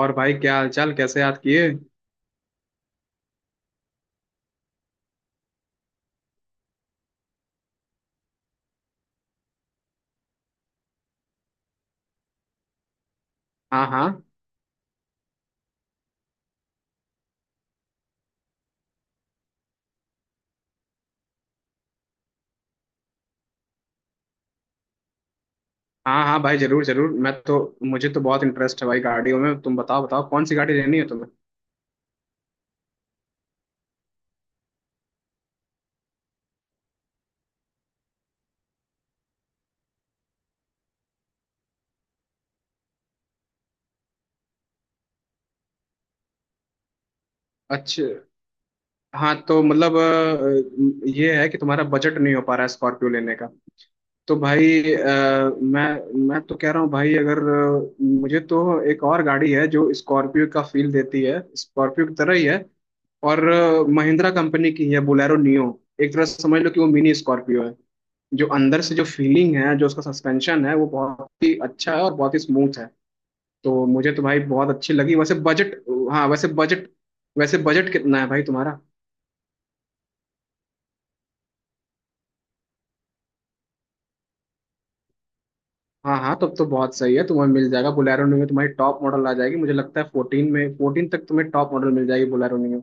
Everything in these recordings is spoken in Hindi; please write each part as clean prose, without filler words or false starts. और भाई, क्या हालचाल? कैसे याद किए? हाँ हाँ। हाँ हाँ भाई, जरूर जरूर। मैं तो मुझे तो बहुत इंटरेस्ट है भाई गाड़ियों में। तुम बताओ बताओ, कौन सी गाड़ी लेनी है तुम्हें? अच्छा। हाँ तो मतलब ये है कि तुम्हारा बजट नहीं हो पा रहा है स्कॉर्पियो लेने का। तो भाई, मैं तो कह रहा हूँ भाई, अगर मुझे तो एक और गाड़ी है जो स्कॉर्पियो का फील देती है, स्कॉर्पियो की तरह ही है। और महिंद्रा कंपनी की है, बोलेरो नियो। एक तरह से समझ लो कि वो मिनी स्कॉर्पियो है। जो अंदर से जो फीलिंग है, जो उसका सस्पेंशन है, वो बहुत ही अच्छा है और बहुत ही स्मूथ है। तो मुझे तो भाई बहुत अच्छी लगी। वैसे बजट हाँ। वैसे बजट कितना है भाई तुम्हारा? हाँ हाँ, तब तो बहुत सही है। तुम्हें मिल जाएगा बोलेरो में, तुम्हारी टॉप मॉडल आ जाएगी। मुझे लगता है फोर्टीन में, फोर्टीन तक तुम्हें टॉप मॉडल मिल जाएगी बोलेरो में।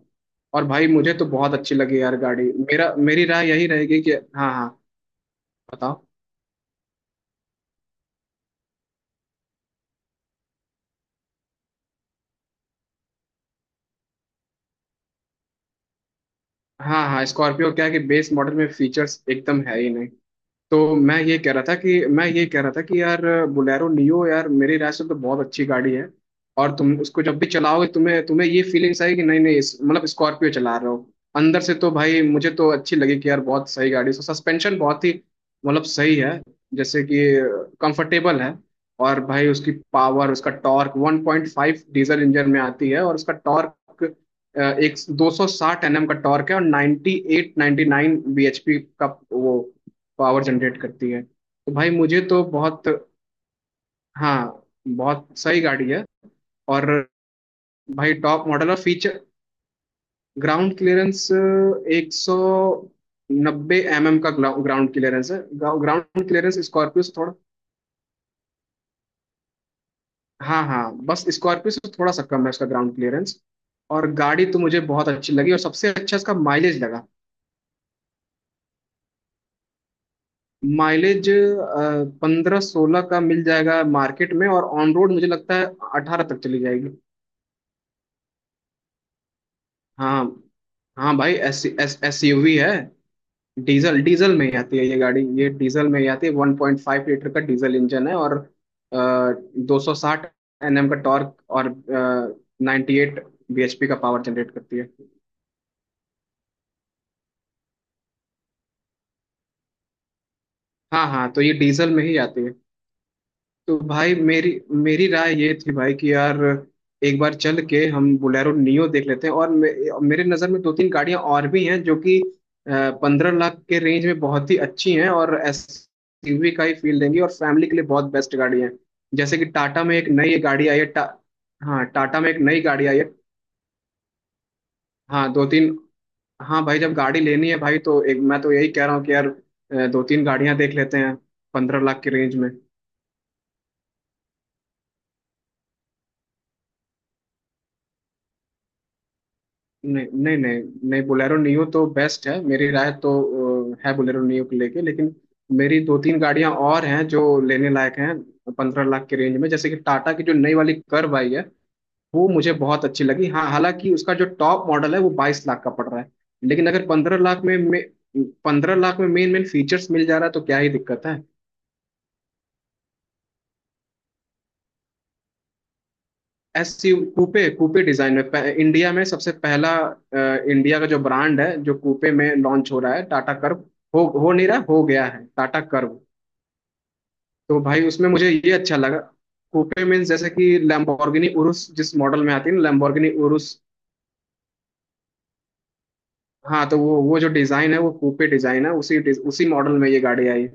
और भाई मुझे तो बहुत अच्छी लगी यार गाड़ी। मेरा मेरी राय यही रहेगी कि हाँ हाँ। बताओ। हाँ हाँ, स्कॉर्पियो क्या है कि बेस मॉडल में फीचर्स एकदम है ही नहीं। मैं ये कह रहा था कि यार बोलेरो नियो यार, मेरी राय से तो बहुत अच्छी गाड़ी है। और तुम उसको जब भी चलाओगे तुम्हें तुम्हें ये फीलिंग्स आएगी कि नहीं नहीं, मतलब स्कॉर्पियो चला रहे हो अंदर से। तो भाई मुझे तो अच्छी लगी कि यार बहुत सही गाड़ी है। उसका सस्पेंशन बहुत ही मतलब सही है, जैसे कि कंफर्टेबल है। और भाई उसकी पावर, उसका टॉर्क 1.5 डीजल इंजन में आती है। और उसका टॉर्क अ, एक 260 एनएम का टॉर्क है और 98 99 bhp का वो पावर जनरेट करती है। तो भाई मुझे तो बहुत हाँ, बहुत सही गाड़ी है। और भाई टॉप मॉडल और feature, ground clearance 190 M M का ग्राउंड क्लियरेंस है। ग्राउंड क्लियरेंस स्कॉर्पियो से थोड़ा हाँ हाँ, बस स्कॉर्पियो से थोड़ा सा कम है उसका ग्राउंड क्लियरेंस। और गाड़ी तो मुझे बहुत अच्छी लगी, और सबसे अच्छा इसका माइलेज लगा। माइलेज पंद्रह सोलह का मिल जाएगा मार्केट में। और ऑन रोड मुझे लगता है अठारह तक चली जाएगी। हाँ हाँ भाई, एस एस एसयूवी है। डीजल डीजल में ही आती है ये गाड़ी, ये डीजल में ही आती है। 1.5 लीटर का डीजल इंजन है और 260 एनएम का टॉर्क और 98 bhp का पावर जनरेट करती है। हाँ हाँ, तो ये डीजल में ही आती है। तो भाई मेरी मेरी राय ये थी भाई कि यार एक बार चल के हम बोलेरो नियो देख लेते हैं। और मेरे नज़र में दो तीन गाड़ियां और भी हैं जो कि पंद्रह लाख के रेंज में बहुत ही अच्छी हैं और एसयूवी का ही फील देंगी, और फैमिली के लिए बहुत बेस्ट गाड़ी है। जैसे कि टाटा में एक नई गाड़ी आई है हाँ, टाटा में एक नई गाड़ी आई है। हाँ दो तीन। हाँ भाई जब गाड़ी लेनी है भाई, तो एक मैं तो यही कह रहा हूँ कि यार दो तीन गाड़ियां देख लेते हैं 15 लाख की रेंज में। नहीं नहीं नहीं। नहीं, बोलेरो नियो तो बेस्ट है, मेरी राय तो है बोलेरो नियो को लेके। लेकिन मेरी दो तीन गाड़ियां और हैं जो लेने लायक हैं 15 लाख के रेंज में। जैसे कि टाटा की जो नई वाली कर्व आई है, वो मुझे बहुत अच्छी लगी। हाँ, हालांकि उसका जो टॉप मॉडल है वो 22 लाख का पड़ रहा है। लेकिन अगर पंद्रह लाख में मेन मेन फीचर्स मिल जा रहा है तो क्या ही दिक्कत है। एसयू कूपे, कूपे डिजाइन में इंडिया में सबसे पहला इंडिया का जो ब्रांड है जो कूपे में लॉन्च हो रहा है, टाटा कर्व। हो नहीं रहा हो गया है टाटा कर्व। तो भाई उसमें मुझे ये अच्छा लगा। कूपे मीन्स जैसे कि लैम्बोर्गिनी उरुस जिस मॉडल में आती है ना, लैम्बोर्गिनी उरुस। हाँ, तो वो जो डिजाइन है वो कूपे डिजाइन है, उसी मॉडल में ये गाड़ी आई।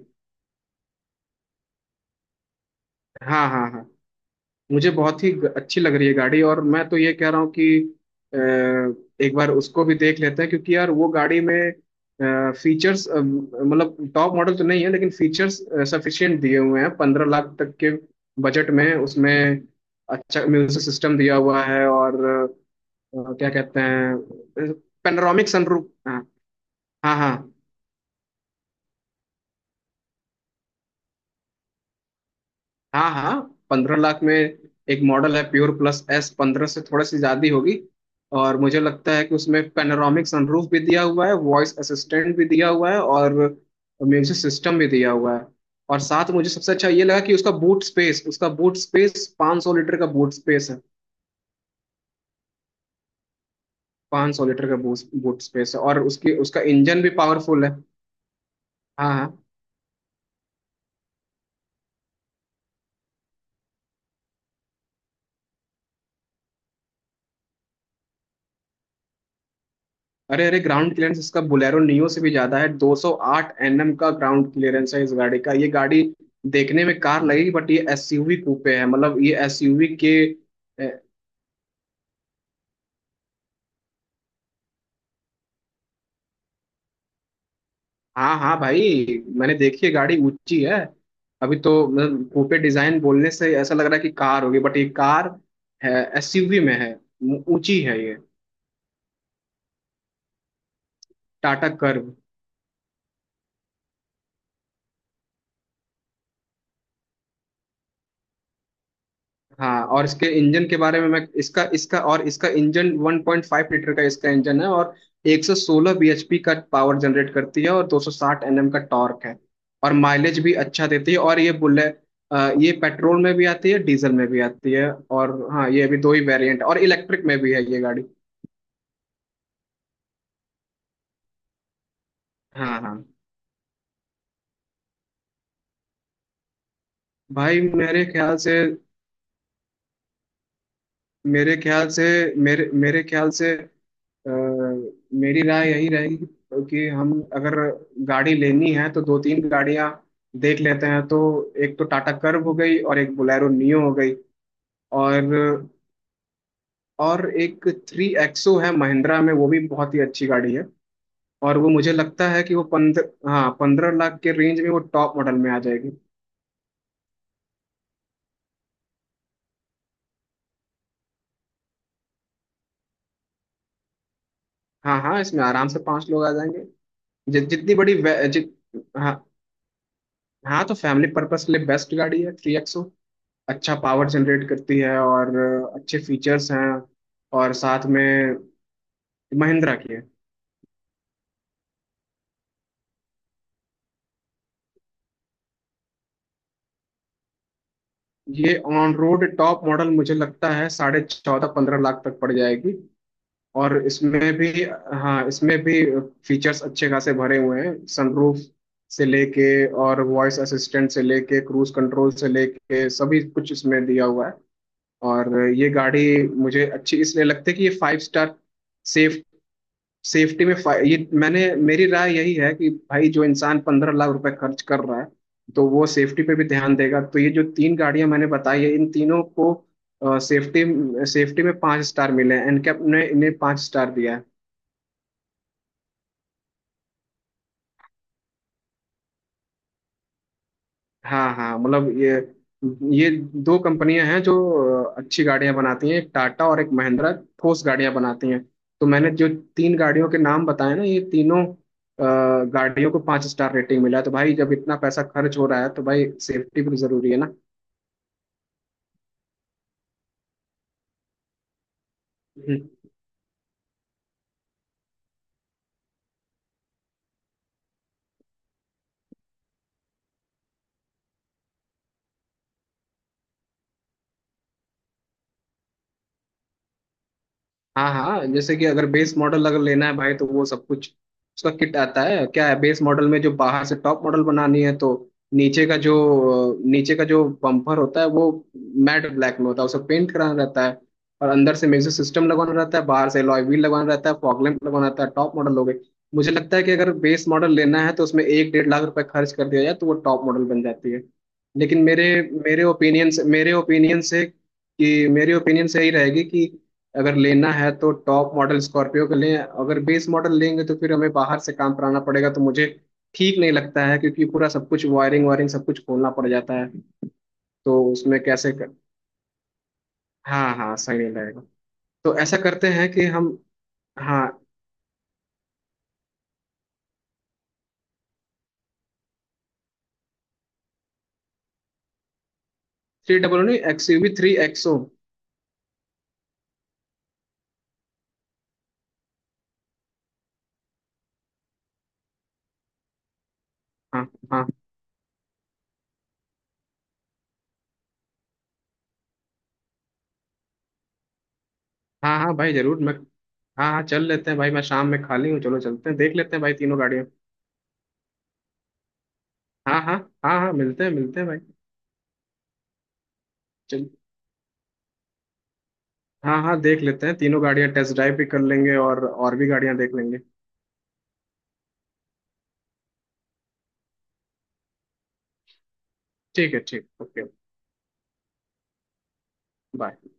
हाँ हाँ हाँ। मुझे बहुत ही अच्छी लग रही है गाड़ी। और मैं तो ये कह रहा हूँ कि अ, एक बार उसको भी देख लेते हैं, क्योंकि यार वो गाड़ी में फीचर्स मतलब टॉप मॉडल तो नहीं है लेकिन फीचर्स सफिशिएंट दिए हुए हैं 15 लाख तक के बजट में। उसमें अच्छा म्यूजिक सिस्टम दिया हुआ है और क्या कहते हैं, पेनोरामिक सनरूफ। हाँ हाँ। हाँ हाँ। हाँ। पंद्रह लाख में एक मॉडल है प्योर प्लस एस, पंद्रह से थोड़ा सी ज्यादा ही होगी। और मुझे लगता है कि उसमें पैनोरामिक सनरूफ भी दिया हुआ है, वॉइस असिस्टेंट भी दिया हुआ है, और म्यूजिक सिस्टम भी दिया हुआ है। और साथ मुझे सबसे अच्छा ये लगा कि उसका बूट स्पेस 500 लीटर का बूट स्पेस है। 500 लीटर का बूट बूट स्पेस है। और उसकी उसका इंजन भी पावरफुल है। हाँ हाँ। अरे अरे, ग्राउंड क्लियरेंस इसका बोलेरो नियो से भी ज्यादा है। 208 एनएम का ग्राउंड क्लियरेंस है इस गाड़ी का। ये गाड़ी देखने में कार लगेगी, बट ये एसयूवी कूपे है। मतलब ये एसयूवी के ए, हाँ हाँ भाई, मैंने देखी है गाड़ी, ऊंची है। अभी तो मतलब कूपे डिजाइन बोलने से ऐसा लग रहा है कि कार होगी, बट ये कार है, एसयूवी में है, ऊंची है ये। टाटा कर्व। हाँ, और इसके इंजन के बारे में मैं इसका इसका और इसका इंजन 1.5 लीटर का इसका इंजन है, और 116 bhp का पावर जनरेट करती है और 260 nm का टॉर्क है। और माइलेज भी अच्छा देती है। और ये ये पेट्रोल में भी आती है, डीजल में भी आती है। और हाँ, ये अभी दो ही वेरिएंट और इलेक्ट्रिक में भी है ये गाड़ी। हाँ हाँ भाई मेरे ख्याल से मेरे मेरे ख्याल से अ, मेरी राय यही रहेगी कि हम, अगर गाड़ी लेनी है तो दो तीन गाड़ियां देख लेते हैं। तो एक तो टाटा कर्व हो गई और एक बोलेरो नियो हो गई। और और एक थ्री एक्सो है महिंद्रा में, वो भी बहुत ही अच्छी गाड़ी है। और वो मुझे लगता है कि वो पंद्रह हाँ, पंद्रह लाख के रेंज में वो टॉप मॉडल में आ जाएगी। हाँ हाँ, इसमें आराम से पांच लोग आ जाएंगे। जि, जितनी बड़ी वे- जि, हाँ। हाँ, तो फैमिली पर्पस के लिए बेस्ट गाड़ी है थ्री एक्सो। अच्छा पावर जनरेट करती है और अच्छे फीचर्स हैं। और साथ में महिंद्रा की है। ये ऑन रोड टॉप मॉडल मुझे लगता है साढ़े चौदह पंद्रह लाख तक पड़ जाएगी। और इसमें भी हाँ, इसमें भी फीचर्स अच्छे खासे भरे हुए हैं, सनरूफ से लेके और वॉइस असिस्टेंट से लेके क्रूज कंट्रोल से लेके सभी कुछ इसमें दिया हुआ है। और ये गाड़ी मुझे अच्छी इसलिए लगती है कि ये फाइव स्टार सेफ, सेफ्टी में ये मैंने, मेरी राय यही है कि भाई जो इंसान पंद्रह लाख रुपए खर्च कर रहा है तो वो सेफ्टी पे भी ध्यान देगा। तो ये जो तीन गाड़ियां मैंने बताई है, इन तीनों को सेफ्टी सेफ्टी में पांच स्टार मिले हैं, एनकैप ने इन्हें पांच स्टार दिया है। हाँ हाँ, मतलब ये दो कंपनियां हैं जो अच्छी गाड़ियां बनाती हैं, एक टाटा और एक महिंद्रा, ठोस गाड़ियां बनाती हैं। तो मैंने जो तीन गाड़ियों के नाम बताए ना, ये तीनों गाड़ियों को पाँच स्टार रेटिंग मिला है। तो भाई जब इतना पैसा खर्च हो रहा है तो भाई सेफ्टी भी जरूरी है। ना। हाँ हाँ, जैसे कि अगर बेस मॉडल अगर लेना है भाई तो वो सब कुछ उसका किट आता है। क्या है, बेस मॉडल में जो बाहर से टॉप मॉडल बनानी है तो नीचे का जो नीचे का जो बम्पर होता है वो मैट ब्लैक में होता है, उसे पेंट कराना रहता है। और अंदर से म्यूजिक सिस्टम लगवाना रहता है, बाहर से अलॉय व्हील लगवाना रहता है, फॉग लैंप लगवाना रहता है, टॉप मॉडल हो गई। मुझे लगता है कि अगर बेस मॉडल लेना है तो उसमें 1 से 1.5 लाख रुपए खर्च कर दिया जाए तो वो टॉप मॉडल बन जाती है। लेकिन मेरे मेरे ओपिनियन से कि मेरे ओपिनियन से यही रहेगी कि अगर लेना है तो टॉप मॉडल स्कॉर्पियो का लें। अगर बेस मॉडल लेंगे तो फिर हमें बाहर से काम कराना पड़ेगा, तो मुझे ठीक नहीं लगता है, क्योंकि पूरा सब कुछ वायरिंग वायरिंग सब कुछ खोलना पड़ जाता है। तो उसमें कैसे कर, हाँ हाँ, सही नहीं लगेगा। तो ऐसा करते हैं कि हम हाँ। थ्री डबल नहीं, एक्सयूवी थ्री एक्सो। हाँ हाँ। हाँ हाँ भाई जरूर मैं, हाँ हाँ चल लेते हैं भाई, मैं शाम में खाली हूँ। चलो चलते हैं, देख लेते हैं भाई तीनों गाड़ियाँ। हाँ हाँ। हाँ हाँ, मिलते हैं भाई। चल, हाँ हाँ देख लेते हैं तीनों गाड़ियाँ, टेस्ट ड्राइव भी कर लेंगे, और भी गाड़ियाँ देख लेंगे। ठीक है, ठीक, ओके। बाय।